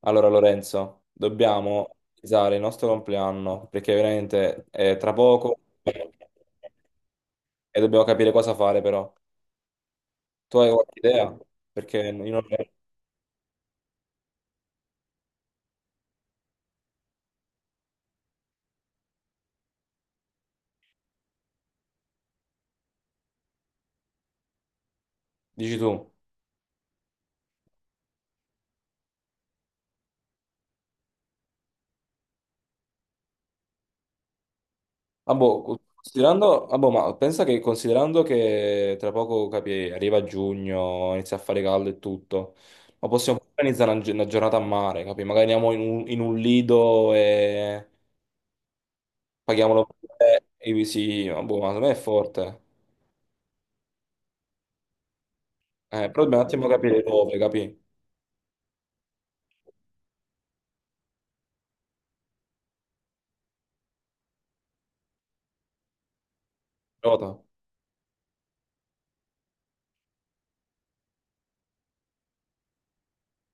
Allora Lorenzo, dobbiamo organizzare il nostro compleanno perché veramente è tra poco e dobbiamo capire cosa fare però. Tu hai qualche idea? Perché io non... Dici tu. Ah, boh, ma pensa che considerando che tra poco capi, arriva giugno, inizia a fare caldo e tutto, ma possiamo organizzare una giornata a mare, capi? Magari andiamo in un lido e paghiamolo pure, ma secondo me è forte. Però dobbiamo un attimo capire dove, capi? Nota.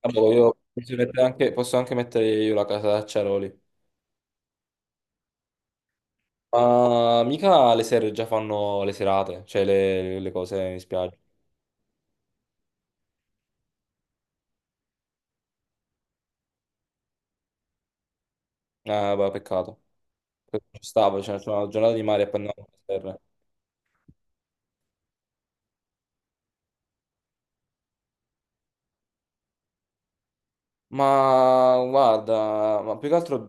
Vabbè, io posso mettere anche, posso anche mettere io la casa d'acciaroli. Ma mica le sere già fanno le serate, cioè le cose in spiaggia. Vabbè, peccato. Ci stava, cioè, c'è una giornata di mare e poi andiamo alle serre. Ma guarda, ma più che altro,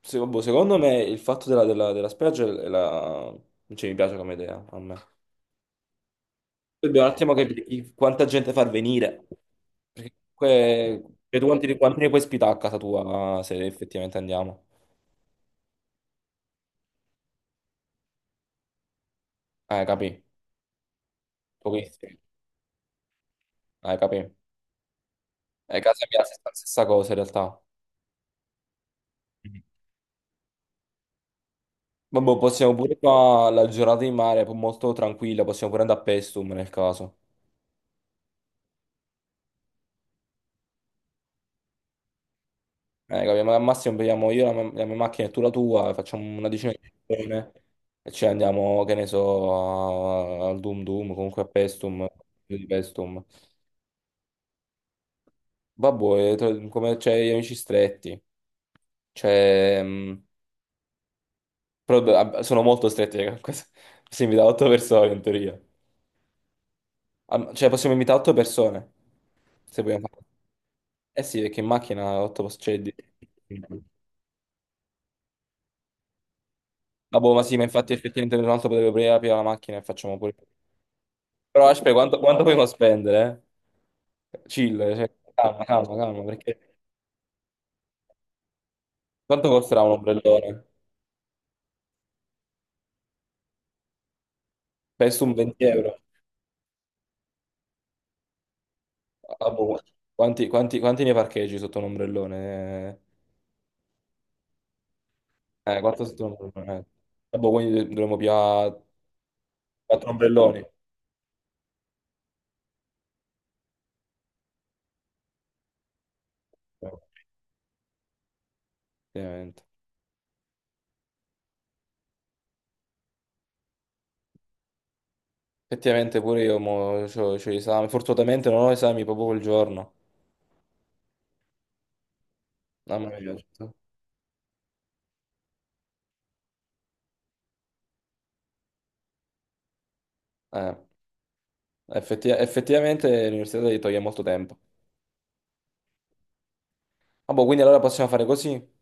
secondo me il fatto della spiaggia è la... non ci mi piace come idea a me. Dobbiamo un attimo capire quanta gente far venire. Perché comunque vedo quanti ne puoi ospitare a casa tua se effettivamente andiamo. Capì? Pochissimi. Capì? Casa mia è la stessa stessa cosa in realtà. Mhm. Vabbè, possiamo pure qua la giornata di mare, poi molto tranquilla, possiamo pure andare a Pestum nel caso. Capì? Ma al massimo prendiamo io la mia macchina e tu la tua, e facciamo una decina di persone e ci andiamo, che ne so, al Dum Dum, comunque di Pestum. Vabbè, come c'è gli amici stretti. Cioè, mh, Sono molto stretti, raga. Si invita 8 persone in teoria. Cioè, possiamo invitare 8 persone. Se vogliamo fare. Eh sì, perché in macchina 8 c'è di... Ah, boh, ma sì, ma infatti effettivamente un altro potrebbe aprire la macchina e facciamo pure. Però aspetta, quanto vogliamo spendere? Eh? Chill, cioè, calma, perché quanto costerà un ombrellone? Penso un 20 euro. Ah, boh. Quanti ne parcheggi sotto un ombrellone? Quattro sotto un ombrellone. Ah, boh, quindi dovremmo pigliare quattro ombrelloni. Eh, Effettivamente. Effettivamente pure io mo, c'ho gli esami. Fortunatamente non ho esami proprio quel giorno. Mamma mia. Eh, effettivamente l'università ti toglie molto tempo. Ah, boh, quindi allora possiamo fare così.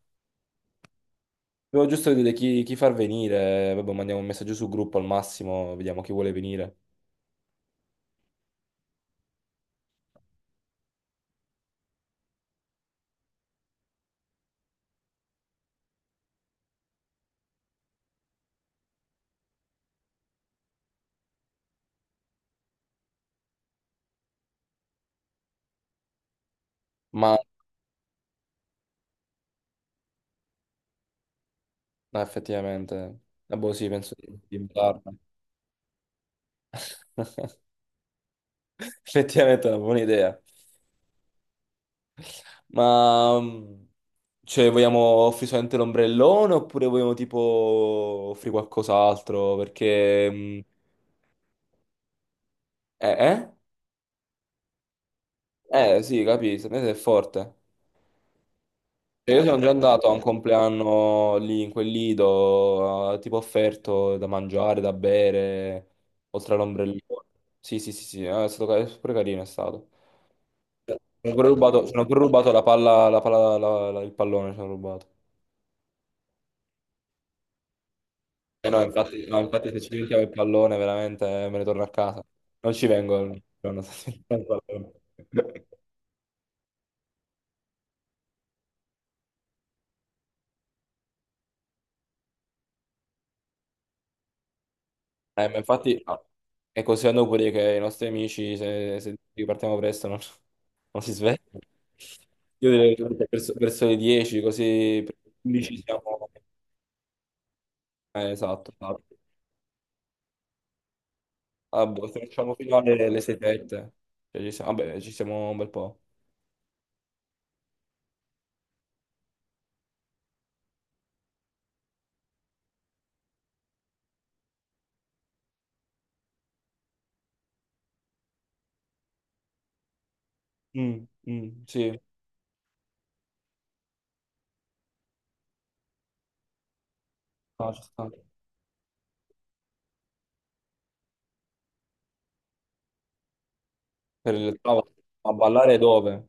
Devo giusto vedere chi far venire. Vabbè, mandiamo un messaggio sul gruppo al massimo, vediamo chi vuole venire. Ma no, effettivamente... Ah, boh, sì, penso di imparare. Effettivamente è una buona idea. Ma mm, cioè, vogliamo offrire solamente l'ombrellone oppure vogliamo tipo offrire qualcos'altro? Eh, eh? Sì, capisco, è forte. Cioè, io sono già andato a un compleanno lì in quel lido, tipo offerto da mangiare, da bere, oltre all'ombrellone. Sì, sì, sì, sì, è stato pure carino, è stato. Ci hanno pure rubato, ci hanno pure rubato la palla, il pallone, ci hanno rubato. Eh no, infatti, no, infatti se ci diventiamo il pallone veramente me ne torno a casa. Non ci vengo ogni giorno se ci diventiamo il pallone. Ma infatti è così a Napoli che i nostri amici, se ripartiamo presto, non si svegliano. Io direi che verso le 10, così per le 11 siamo... Eh, esatto, esatto. Ah, boh, se facciamo fino alle 7, cioè, vabbè, ci siamo un bel po'. Mm, mm, sì, no, ci sta. Per il tavolo. A ballare dove?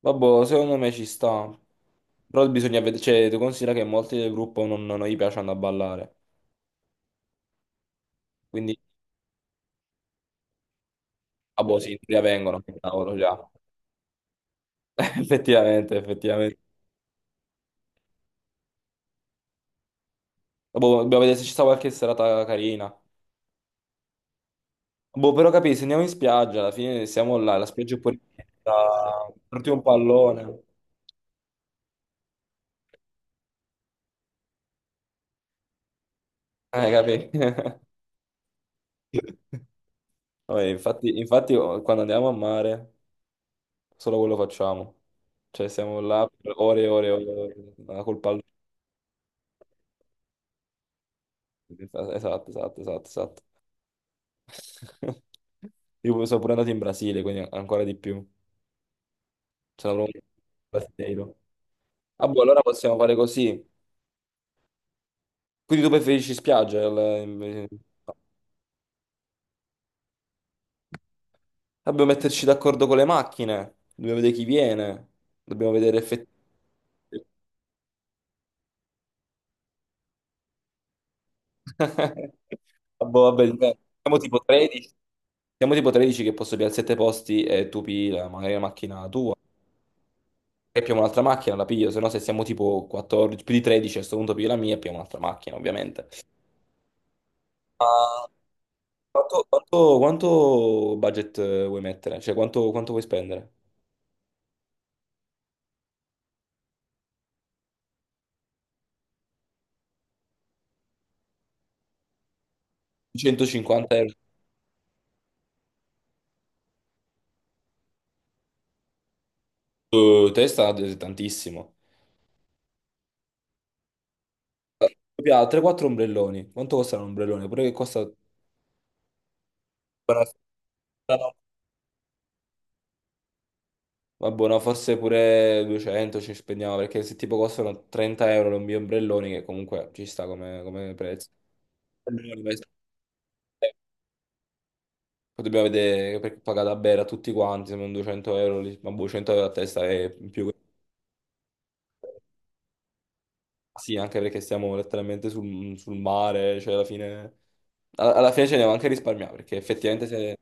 Vabbè, secondo me ci sta. Però bisogna vedere, cioè, tu considera che molti del gruppo non gli piacciono a ballare. Quindi, ah boh, sì, in teoria vengono, che cavolo, già. Effettivamente, effettivamente. Boh, dobbiamo vedere se ci sta qualche serata carina. Boh, però capisci, se andiamo in spiaggia, alla fine siamo là, la spiaggia è pure porti un pallone. Capì? Vabbè, infatti, infatti, oh, quando andiamo a mare, solo quello facciamo. Cioè, siamo là per ore e ore e ore, col pallone. Esatto, esatto, esatto, esatto. Io sono pure andato in Brasile, quindi ancora di più. Sono proprio un brasileiro. Ah, boh, allora possiamo fare così. Quindi tu preferisci spiaggia? Dobbiamo metterci d'accordo con le macchine. Dobbiamo vedere chi viene. Dobbiamo vedere effettivamente. Ah, boh, vabbè, dipende. Siamo tipo 13. Siamo tipo 13 che posso pigliare 7 posti e tu pigli magari la macchina tua. E pigliamo un'altra macchina, la piglio. Se no, se siamo tipo 14, più di 13, a questo punto piglio la mia e pigliamo un'altra macchina, ovviamente. Quanto budget vuoi mettere? Cioè, quanto vuoi spendere? 150 euro su testa è tantissimo. Poi ha 3-4 ombrelloni. Quanto costa un ombrellone? Pure che costa... Vabbè, no, forse pure 200 ci spendiamo, perché se tipo costano 30 euro i miei ombrelloni, che comunque ci sta come, come prezzo. Poi dobbiamo vedere, perché paga da bere a tutti quanti, se non 200 euro, lì, ma boh, 100 euro a testa è in più. Sì, anche perché stiamo letteralmente sul mare, cioè alla fine, alla fine ce ne va anche a risparmiare, perché effettivamente se...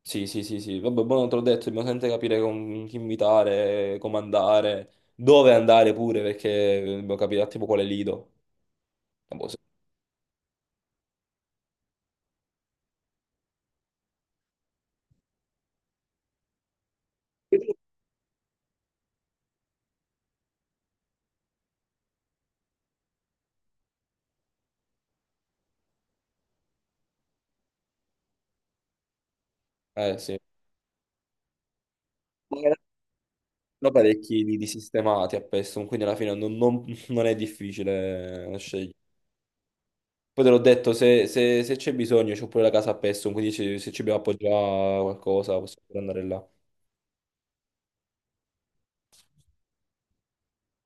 Sì, sì, sì, sì, vabbè, buono, te l'ho detto, dobbiamo sempre capire con chi invitare, come andare, dove andare pure, perché dobbiamo capire tipo quale lido. Ah, boh, sì. Eh sì, ma in realtà sono parecchi lidi sistemati a Pestum, quindi alla fine non è difficile scegliere. Poi te l'ho detto, se c'è bisogno, c'ho pure la casa a Pestum, quindi se ci dobbiamo appoggiare a qualcosa possiamo pure andare là.